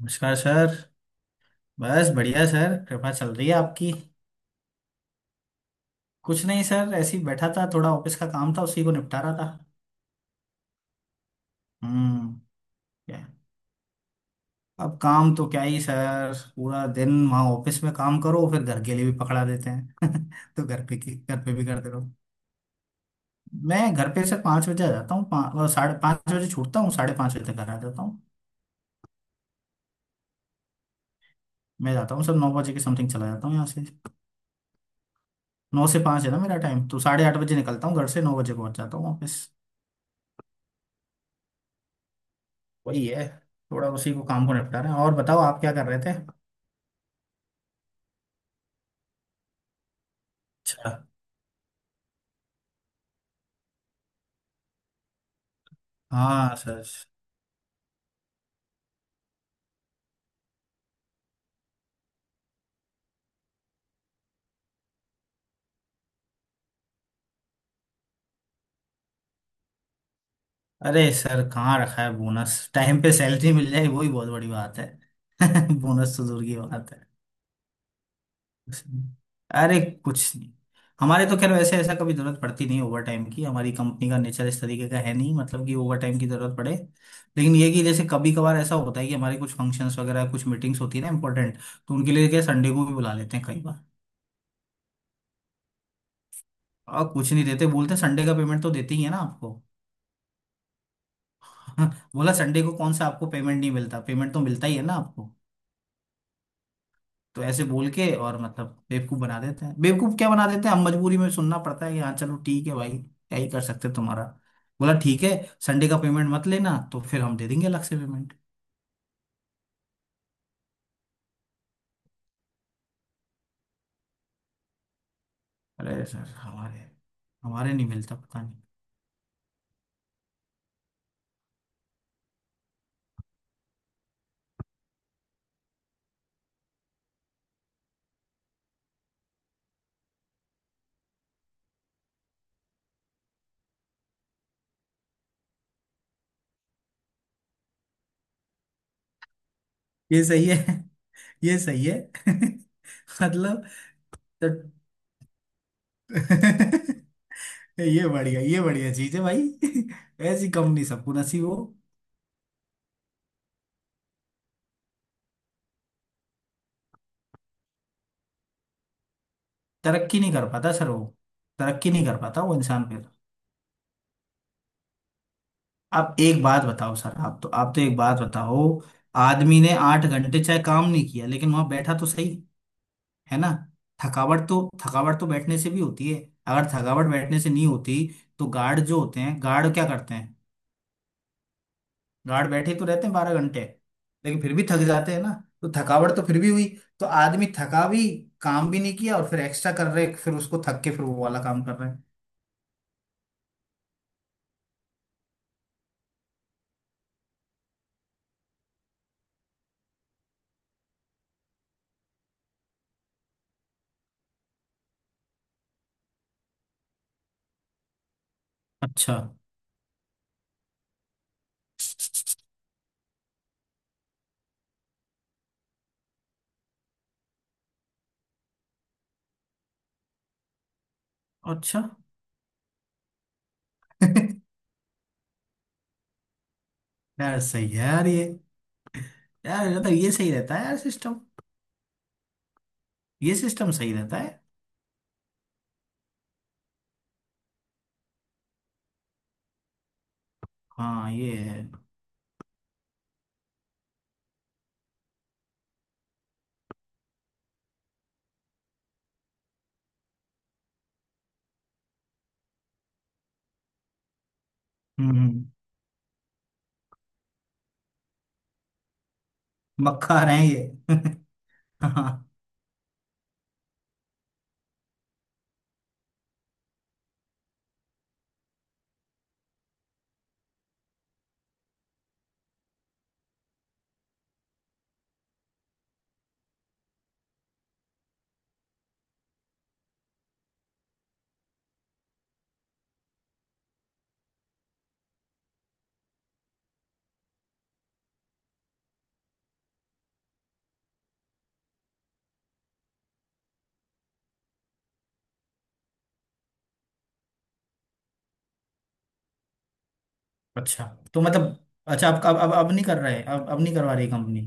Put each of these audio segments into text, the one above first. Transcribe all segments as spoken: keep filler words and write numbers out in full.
नमस्कार सर। बस बढ़िया सर, कृपा चल रही है आपकी। कुछ नहीं सर, ऐसे ही बैठा था, थोड़ा ऑफिस का काम था, उसी को निपटा रहा था। हम्म। क्या? अब काम तो क्या ही सर, पूरा दिन वहाँ ऑफिस में काम करो, फिर घर के लिए भी पकड़ा देते हैं। तो घर पे की घर पे भी करते रहो। मैं घर पे सर पाँच बजे आ जाता हूँ, पाँच और साढ़े पाँच बजे छूटता हूँ, साढ़े पाँच बजे तक घर आ जाता हूँ। मैं जाता हूँ सर नौ बजे के समथिंग, चला जाता हूँ यहाँ से। नौ से पाँच है ना मेरा टाइम, तो साढ़े आठ बजे निकलता हूँ घर से, नौ बजे पहुँच जाता हूँ ऑफिस। वही है, थोड़ा उसी को काम को निपटा रहे हैं। और बताओ आप क्या कर रहे थे? अच्छा। हाँ सर। अरे सर कहाँ रखा है बोनस! टाइम पे सैलरी मिल जाए वही बहुत बड़ी बात है। बोनस तो दूर की बात है। अरे कुछ नहीं। हमारे तो खैर वैसे ऐसा कभी जरूरत पड़ती नहीं ओवर टाइम की, हमारी कंपनी का नेचर इस तरीके का है नहीं, मतलब कि ओवर टाइम की जरूरत पड़े। लेकिन ये कि जैसे कभी कभार ऐसा होता है कि हमारे कुछ फंक्शंस वगैरह, कुछ मीटिंग्स होती है ना इंपॉर्टेंट, तो उनके लिए क्या संडे को भी बुला लेते हैं कई बार। आ, कुछ नहीं देते, बोलते संडे का पेमेंट तो देते ही है ना आपको। बोला संडे को कौन सा आपको पेमेंट नहीं मिलता, पेमेंट तो मिलता ही है ना आपको। तो ऐसे बोल के और मतलब बेवकूफ बना देते हैं, बेवकूफ क्या बना देते हैं, हम मजबूरी में सुनना पड़ता है कि हाँ चलो ठीक है भाई, क्या ही कर सकते हैं तुम्हारा। बोला ठीक है, संडे का पेमेंट मत लेना तो फिर हम दे देंगे अलग से पेमेंट। अरे सर हमारे हमारे नहीं मिलता, पता नहीं। ये सही है। ये सही है। मतलब, तो ये बढ़िया, ये बढ़िया चीज है भाई। ऐसी कंपनी सबको नसीब हो। तरक्की नहीं कर पाता सर वो, तरक्की नहीं कर पाता वो इंसान फिर। आप एक बात बताओ सर, आप तो आप तो एक बात बताओ। आदमी ने आठ घंटे चाहे काम नहीं किया, लेकिन वहां बैठा तो सही। है ना? थकावट तो, थकावट तो बैठने से भी होती है। अगर थकावट बैठने से नहीं होती, तो गार्ड जो होते हैं, गार्ड क्या करते हैं? गार्ड बैठे तो रहते हैं बारह घंटे, लेकिन फिर भी थक जाते हैं ना, तो थकावट तो फिर भी हुई। तो आदमी थका भी, काम भी नहीं किया, और फिर एक्स्ट्रा कर रहे, फिर उसको थक के फिर वो वाला काम कर रहे हैं। अच्छा। अच्छा। यार सही है यार ये। यार मतलब ये सही रहता है यार सिस्टम। ये सिस्टम सही रहता है। हाँ ये है। हम्म, हम्म, मक्खा रहे हैं ये। हाँ। अच्छा तो मतलब, अच्छा अब अब अब अब नहीं कर रहे, अब अब नहीं करवा रही कंपनी?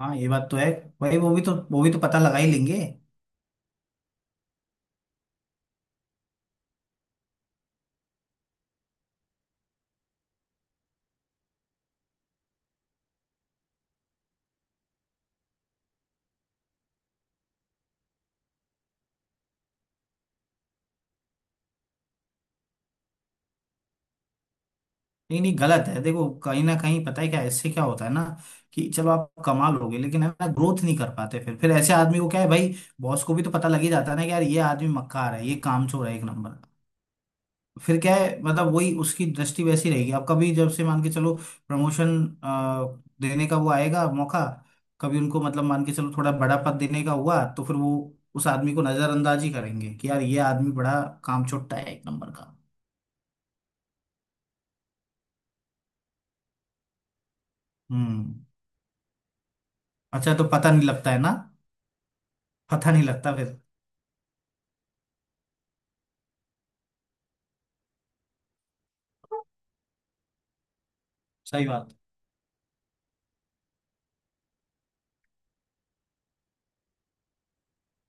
हाँ ये बात तो है। भाई वो भी तो वो भी तो पता लगा ही लेंगे। नहीं नहीं गलत है, देखो कहीं ना कहीं पता है क्या इससे क्या होता है ना, कि चलो आप कमा लोगे लेकिन है ना, ग्रोथ नहीं कर पाते फिर। फिर ऐसे आदमी को क्या है भाई, बॉस को भी तो पता लग ही जाता है ना कि यार ये आदमी मक्कार है, ये कामचोर है एक नंबर। फिर क्या है मतलब, वही उसकी दृष्टि वैसी रहेगी। अब कभी जब से मान के चलो प्रमोशन देने का वो आएगा मौका, कभी उनको मतलब मान के चलो थोड़ा बड़ा पद देने का हुआ, तो फिर वो उस आदमी को नजरअंदाज ही करेंगे कि यार ये आदमी बड़ा कामचोट्टा है एक नंबर का। हम्म। अच्छा, तो पता नहीं लगता है ना? पता नहीं लगता फिर। सही बात।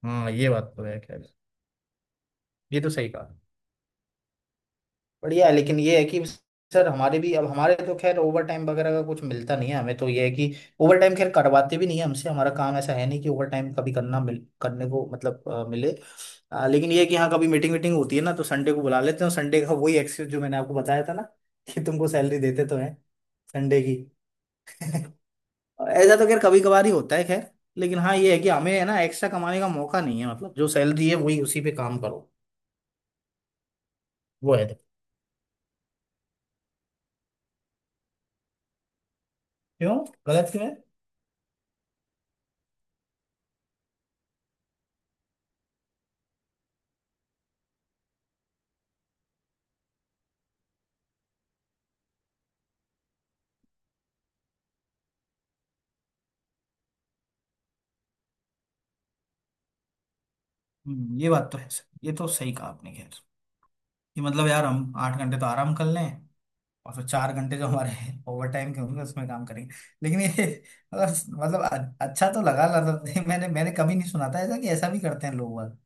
हाँ ये बात तो है। खैर, ये तो सही कहा। बढ़िया है, लेकिन ये है कि सर हमारे भी, अब हमारे तो खैर ओवर टाइम वगैरह का कुछ मिलता नहीं है। हमें तो ये है कि ओवर टाइम खैर करवाते भी नहीं है हमसे, हमारा काम ऐसा है नहीं कि ओवर टाइम कभी करना मिल करने को, मतलब अ, मिले। अ, लेकिन ये है कि हाँ कभी मीटिंग वीटिंग होती है ना, तो संडे को बुला लेते हैं, और संडे का वही एक्सक्यूज जो मैंने आपको बताया था ना, कि तुमको सैलरी देते तो हैं संडे की। ऐसा तो खैर कभी कभार ही होता है। खैर, लेकिन हाँ ये है कि हमें है ना एक्स्ट्रा कमाने का मौका नहीं है, मतलब जो सैलरी है वही, उसी पे काम करो। वो है। क्यों? गलत क्यों है? हम्म, ये बात तो है सर, ये तो सही कहा आपने। खैर, कि मतलब यार हम आठ घंटे तो आराम कर लें, और फिर चार घंटे जो हमारे ओवर टाइम के होंगे उसमें काम करेंगे। लेकिन ये, मतलब मतलब अ- अच्छा तो लगा मतलब, नहीं, मैंने मैंने कभी नहीं सुना था ऐसा कि ऐसा भी करते हैं लोग बाग।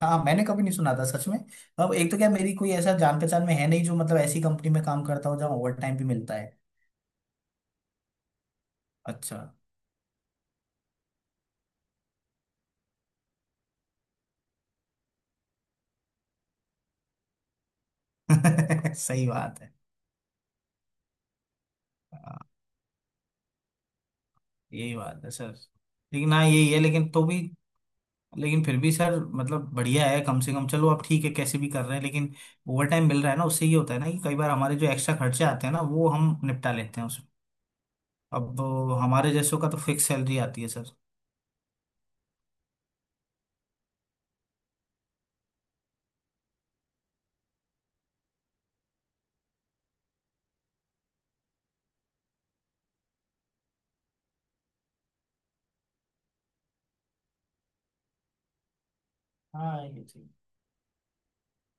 हाँ मैंने कभी नहीं सुना था सच में। अब एक तो क्या, मेरी कोई ऐसा जान पहचान में है नहीं जो मतलब ऐसी कंपनी में काम करता हो जहाँ ओवर टाइम भी मिलता है। अच्छा। सही बात है। हाँ, यही बात है सर। लेकिन हाँ यही है, लेकिन तो भी, लेकिन फिर भी सर मतलब बढ़िया है कम से कम, चलो अब ठीक है, कैसे भी कर रहे हैं लेकिन ओवर टाइम मिल रहा है ना, उससे ये होता है ना कि कई बार हमारे जो एक्स्ट्रा खर्चे आते हैं ना वो हम निपटा लेते हैं उसमें। अब हमारे जैसों का तो फिक्स सैलरी आती है सर। हाँ ये चीज।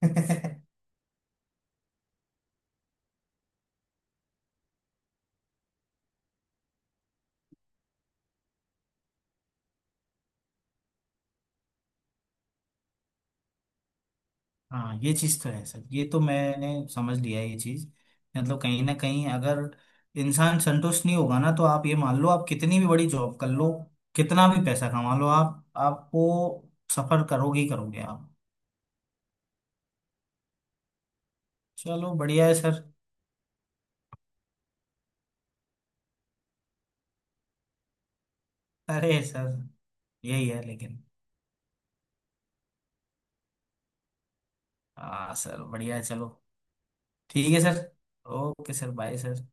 हाँ ये चीज़ तो है सर, ये तो मैंने समझ लिया है ये चीज़। मतलब कहीं ना कहीं, अगर इंसान संतुष्ट नहीं होगा ना, तो आप ये मान लो, आप कितनी भी बड़ी जॉब कर लो, कितना भी पैसा कमा लो आप, आपको सफर करोगे ही करोगे आप। चलो बढ़िया है सर। अरे सर। यही है, लेकिन हाँ सर बढ़िया है, चलो। ठीक है sir. Okay sir, bye sir.